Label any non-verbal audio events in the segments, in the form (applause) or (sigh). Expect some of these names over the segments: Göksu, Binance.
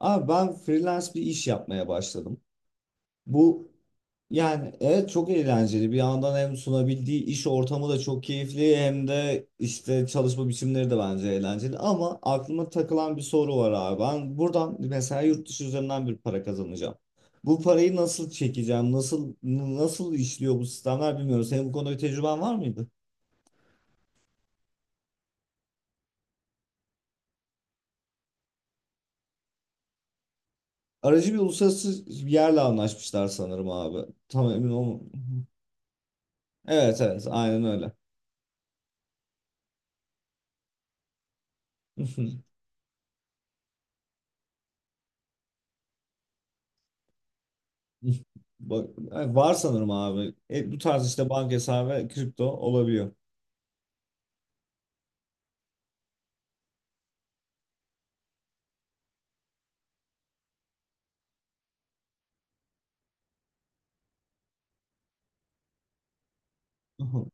Abi ben freelance bir iş yapmaya başladım. Bu yani evet çok eğlenceli. Bir yandan hem sunabildiği iş ortamı da çok keyifli hem de işte çalışma biçimleri de bence eğlenceli. Ama aklıma takılan bir soru var abi. Ben buradan mesela yurt dışı üzerinden bir para kazanacağım. Bu parayı nasıl çekeceğim? Nasıl işliyor bu sistemler bilmiyorum. Senin bu konuda bir tecrüben var mıydı? Aracı bir uluslararası bir yerle anlaşmışlar sanırım abi. Tam emin olmadım. Evet, evet, aynen öyle. (laughs) Bak, yani var sanırım abi. Bu tarz işte banka hesabı ve kripto olabiliyor. Aha,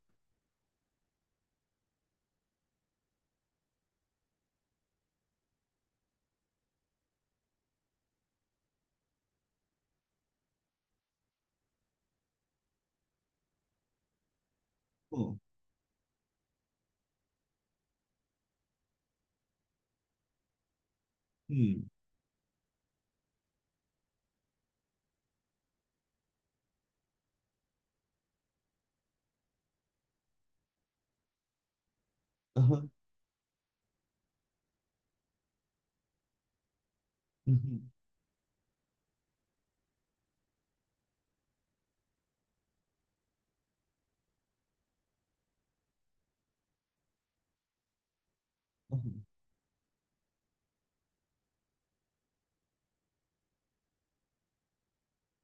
hı, hı, aha, hı, hı, aha,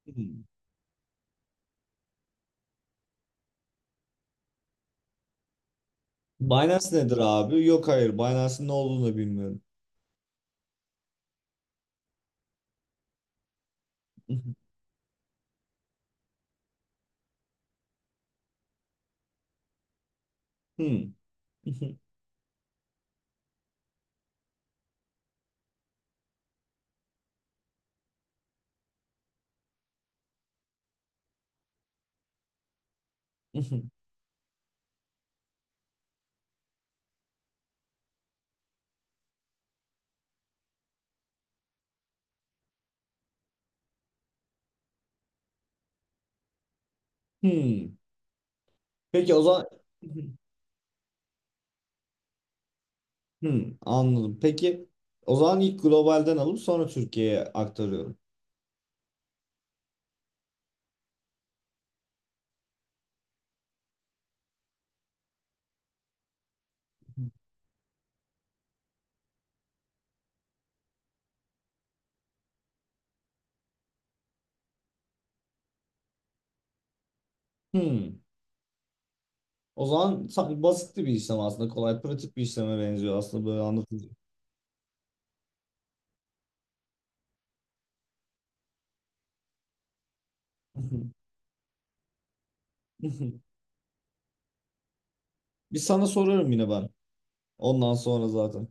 hı. Binance nedir abi? Yok, hayır. Binance'ın ne olduğunu da bilmiyorum. Hı, hmm, hı, hı, hı, hı, hmm. Peki o zaman, hı, hı, hmm, anladım. Peki o zaman ilk globalden alıp sonra Türkiye'ye aktarıyorum. Hı. O zaman basitti bir işlem aslında. Kolay, pratik bir işleme benziyor aslında böyle anlatınca. (laughs) Bir sana sorarım yine ben. Ondan sonra zaten.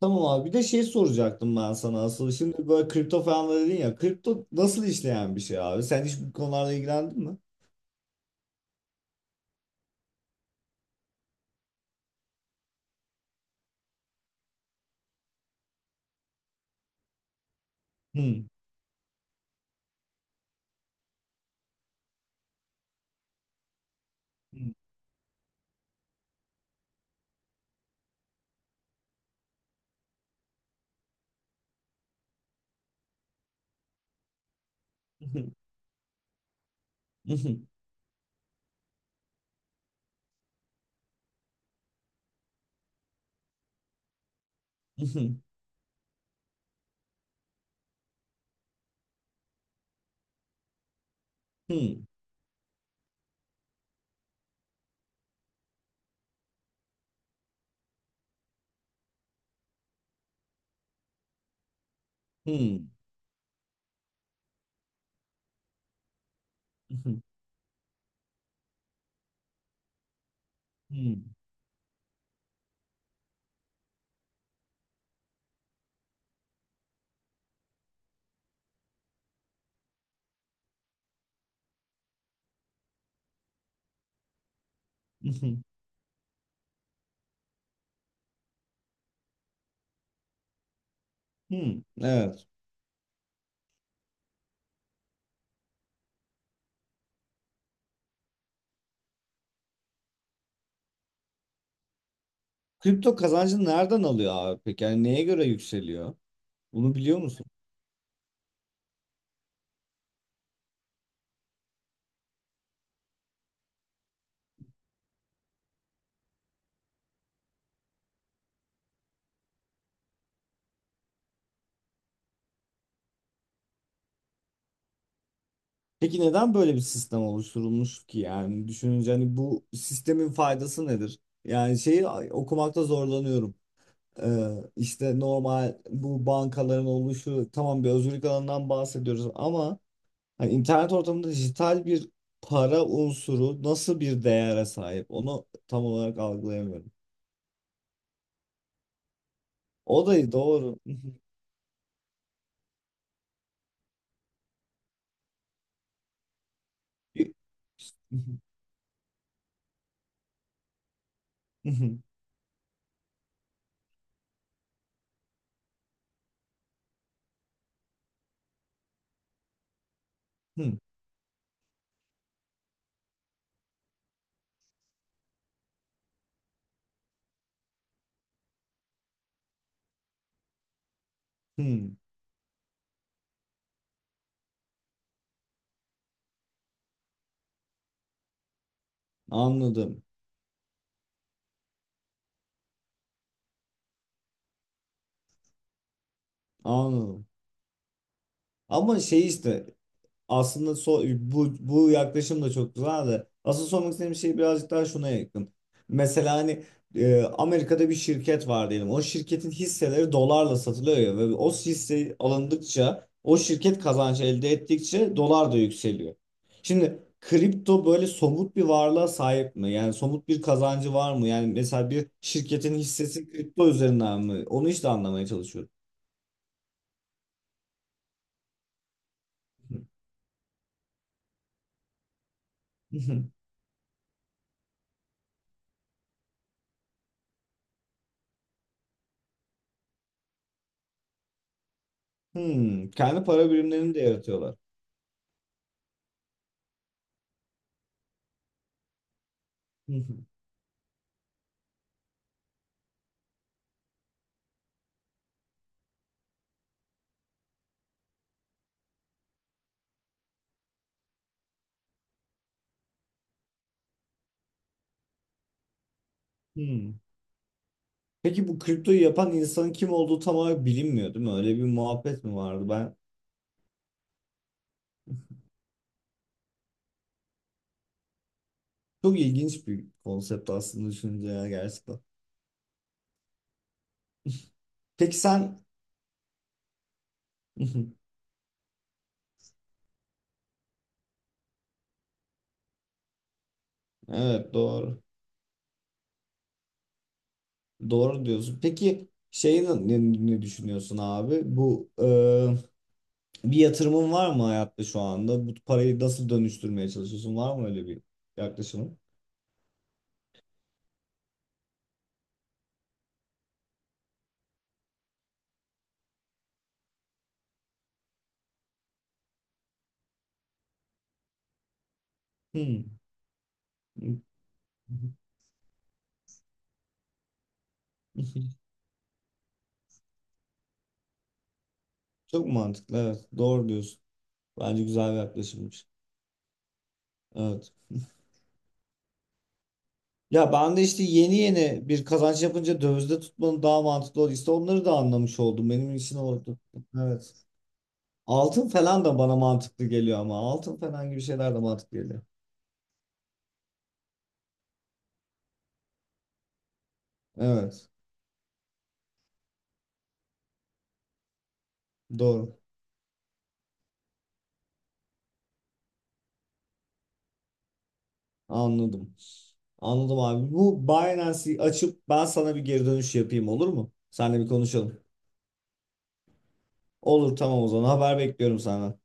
Tamam abi. Bir de şey soracaktım ben sana asıl. Şimdi böyle kripto falan da dedin ya. Kripto nasıl işleyen bir şey abi? Sen hiç bu konularla ilgilendin mi? Hmm. (laughs) Evet. Kripto kazancını nereden alıyor abi peki? Yani neye göre yükseliyor? Bunu biliyor musun? Peki neden böyle bir sistem oluşturulmuş ki? Yani düşününce hani bu sistemin faydası nedir? Yani şeyi okumakta zorlanıyorum. Ee, işte normal bu bankaların oluşu tamam, bir özgürlük alanından bahsediyoruz ama hani internet ortamında dijital bir para unsuru nasıl bir değere sahip onu tam olarak algılayamıyorum. O da doğru. (laughs) Hmm, hmm. Anladım. Anladım. Ama şey işte, aslında bu, yaklaşım da çok güzel de asıl sormak istediğim şey birazcık daha şuna yakın. Mesela hani Amerika'da bir şirket var diyelim. O şirketin hisseleri dolarla satılıyor ya ve o hisse alındıkça o şirket kazancı elde ettikçe dolar da yükseliyor. Şimdi kripto böyle somut bir varlığa sahip mi? Yani somut bir kazancı var mı? Yani mesela bir şirketin hissesi kripto üzerinden mi? Onu işte anlamaya çalışıyorum. (laughs) Hmm, kendi para birimlerini de yaratıyorlar. (laughs) Hmm. Peki bu kriptoyu yapan insanın kim olduğu tam olarak bilinmiyor değil mi? Öyle bir muhabbet mi vardı? Ben çok ilginç bir konsept aslında düşününce ya gerçekten. Peki sen, (laughs) evet, doğru. Doğru diyorsun. Peki şeyi ne düşünüyorsun abi? Bu bir yatırımın var mı hayatta şu anda? Bu parayı nasıl dönüştürmeye çalışıyorsun? Var mı öyle bir yaklaşımın? Hmm. (laughs) Çok mantıklı, evet. Doğru diyorsun. Bence güzel bir yaklaşımmış. Evet. Ya ben de işte yeni yeni bir kazanç yapınca dövizde tutmanın daha mantıklı olduğu, işte onları da anlamış oldum. Benim için oldu. Evet. Altın falan da bana mantıklı geliyor ama altın falan gibi şeyler de mantıklı geliyor. Evet. Doğru. Anladım. Anladım abi. Bu Binance'i açıp ben sana bir geri dönüş yapayım, olur mu? Seninle bir konuşalım. Olur, tamam o zaman. Haber bekliyorum senden.